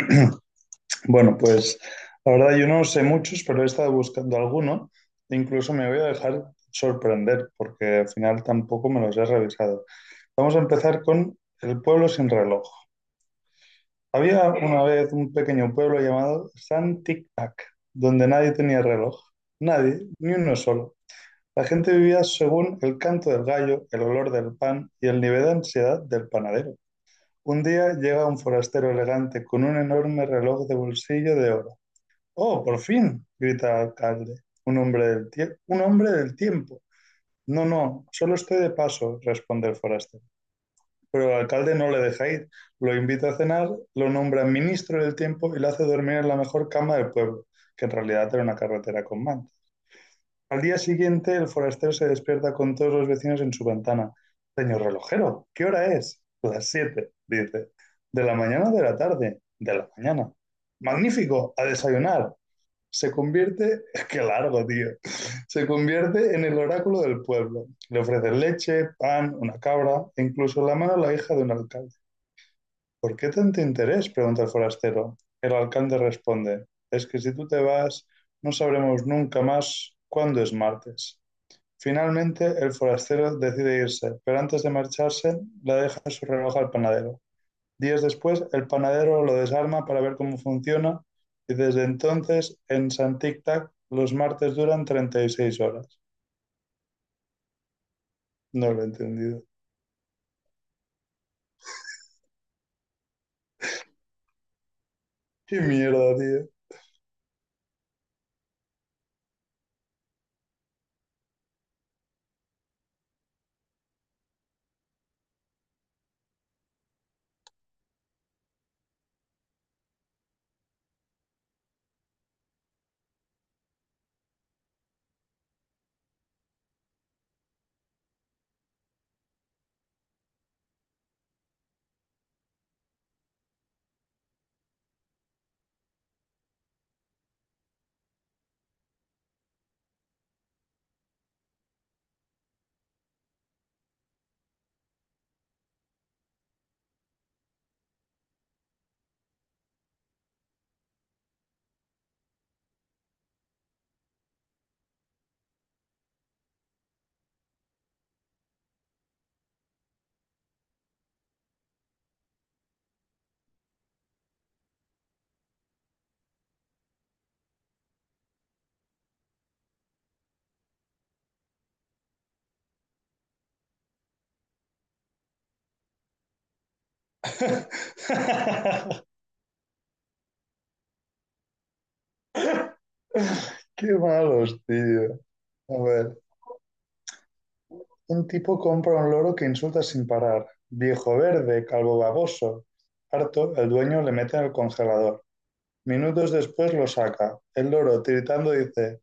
Bueno, pues la verdad yo no sé muchos, pero he estado buscando alguno. Incluso me voy a dejar sorprender porque al final tampoco me los he revisado. Vamos a empezar con el pueblo sin reloj. Había una vez un pequeño pueblo llamado San Tic Tac, donde nadie tenía reloj. Nadie, ni uno solo. La gente vivía según el canto del gallo, el olor del pan y el nivel de ansiedad del panadero. Un día llega un forastero elegante con un enorme reloj de bolsillo de oro. Oh, por fin, grita el alcalde, un hombre del tiempo. No, no, solo estoy de paso, responde el forastero. Pero el alcalde no le deja ir, lo invita a cenar, lo nombra ministro del tiempo y lo hace dormir en la mejor cama del pueblo, que en realidad era una carretera con manta. Al día siguiente, el forastero se despierta con todos los vecinos en su ventana. Señor relojero, ¿qué hora es? Las siete, dice. ¿De la mañana o de la tarde? De la mañana. Magnífico, a desayunar, se convierte, qué largo, tío. Se convierte en el oráculo del pueblo. Le ofrece leche, pan, una cabra e incluso la mano a la hija de un alcalde. ¿Por qué tanto interés?, pregunta el forastero. El alcalde responde, es que si tú te vas, no sabremos nunca más cuándo es martes. Finalmente, el forastero decide irse, pero antes de marcharse, le deja su reloj al panadero. Días después, el panadero lo desarma para ver cómo funciona y desde entonces en San Tic Tac los martes duran 36 horas. No lo he entendido. ¡Qué mierda, tío! ¡Qué malos, tío! A ver, un tipo compra un loro que insulta sin parar. Viejo verde, calvo baboso. Harto, el dueño le mete en el congelador. Minutos después lo saca. El loro, tiritando, dice,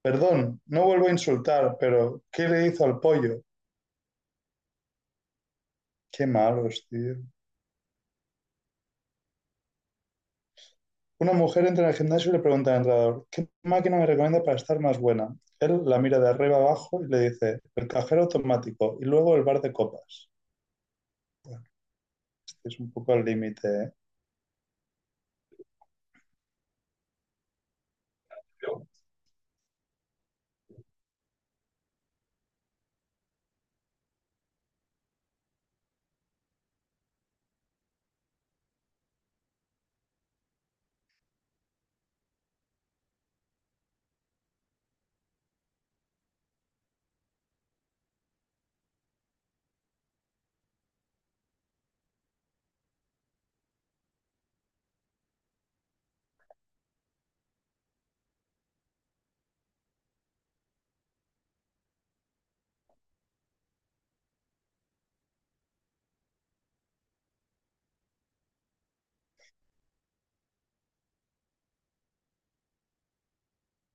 perdón, no vuelvo a insultar, pero ¿qué le hizo al pollo? Qué malos, tío. Una mujer entra en el gimnasio y le pregunta al entrenador, ¿qué máquina me recomienda para estar más buena? Él la mira de arriba abajo y le dice, el cajero automático y luego el bar de copas. Es un poco al límite, ¿eh?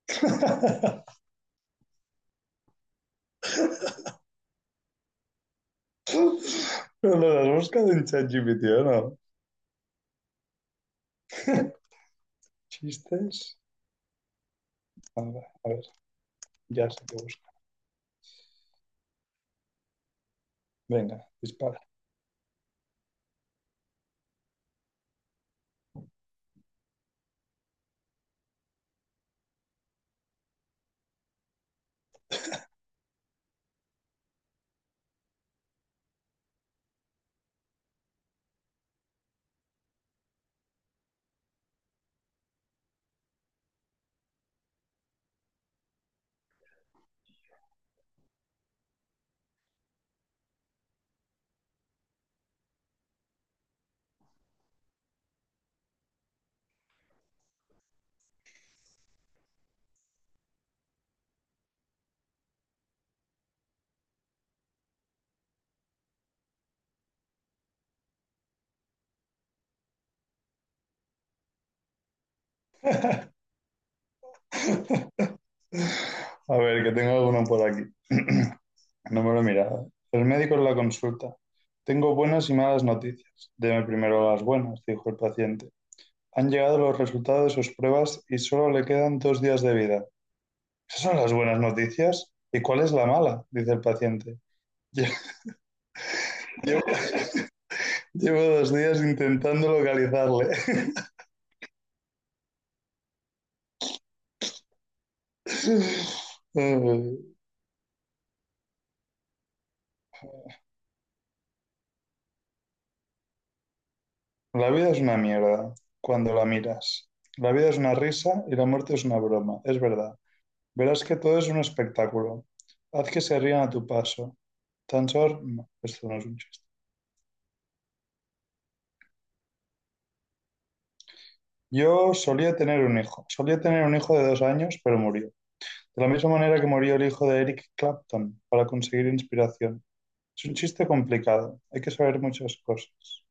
Pero lo has buscado en ChatGPT, ¿o no? ¿Chistes? A ver, ya sé qué busco. Venga, dispara. A ver, que tengo alguno por aquí. No me lo he mirado. El médico en la consulta. Tengo buenas y malas noticias. Deme primero las buenas, dijo el paciente. Han llegado los resultados de sus pruebas y solo le quedan 2 días de vida. ¿Esas son las buenas noticias? ¿Y cuál es la mala?, dice el paciente. Lle- Llevo, llevo 2 días intentando localizarle. Eh, la vida es una mierda cuando la miras. La vida es una risa y la muerte es una broma, es verdad. Verás que todo es un espectáculo. Haz que se rían a tu paso. No, esto no es un chiste. Yo solía tener un hijo. Solía tener un hijo de 2 años, pero murió. De la misma manera que murió el hijo de Eric Clapton para conseguir inspiración. Es un chiste complicado. Hay que saber muchas cosas.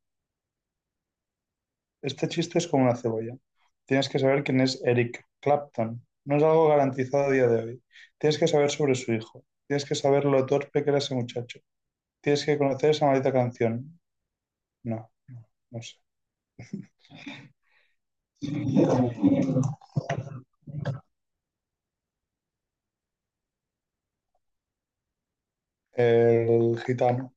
Este chiste es como una cebolla. Tienes que saber quién es Eric Clapton. No es algo garantizado a día de hoy. Tienes que saber sobre su hijo. Tienes que saber lo torpe que era ese muchacho. Tienes que conocer esa maldita canción. No. No sé. El gitano.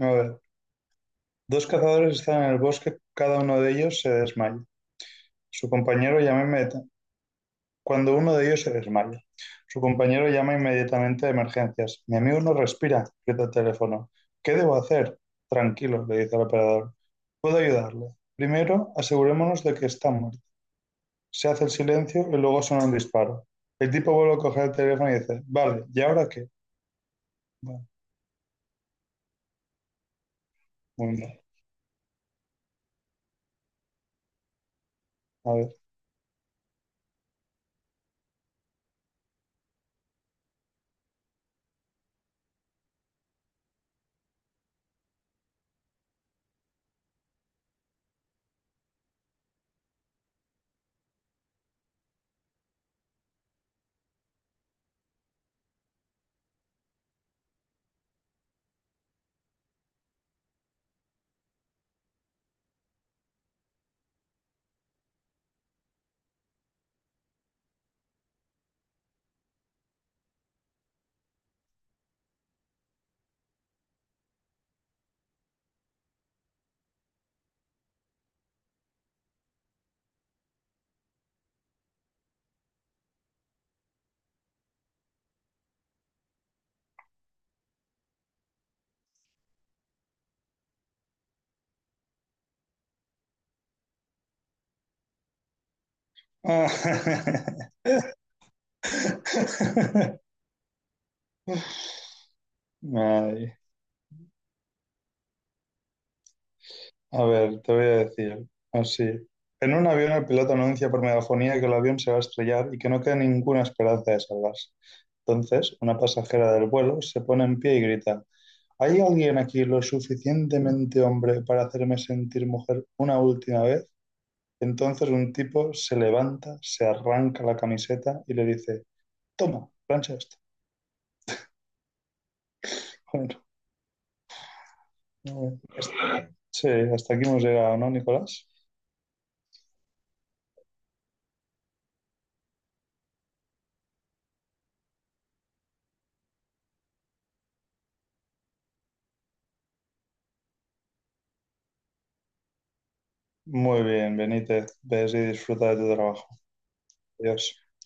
A ver. Dos cazadores están en el bosque, cada uno de ellos se desmaya. Su compañero llama inmediatamente. Cuando uno de ellos se desmaya, su compañero llama inmediatamente a emergencias. Mi amigo no respira, grita el teléfono. ¿Qué debo hacer? Tranquilo, le dice el operador. Puedo ayudarle. Primero, asegurémonos de que está muerto. Se hace el silencio y luego suena un disparo. El tipo vuelve a coger el teléfono y dice, vale, ¿y ahora qué? Bueno, muy mal. A ver. Ah. Ay, a ver, te voy a decir así. En un avión el piloto anuncia por megafonía que el avión se va a estrellar y que no queda ninguna esperanza de salvarse. Entonces, una pasajera del vuelo se pone en pie y grita, ¿hay alguien aquí lo suficientemente hombre para hacerme sentir mujer una última vez? Entonces un tipo se levanta, se arranca la camiseta y le dice, toma, plancha esto. Bueno, sí, hasta aquí hemos llegado, ¿no, Nicolás? Muy bien, Benítez, ves y disfruta de tu trabajo. Adiós.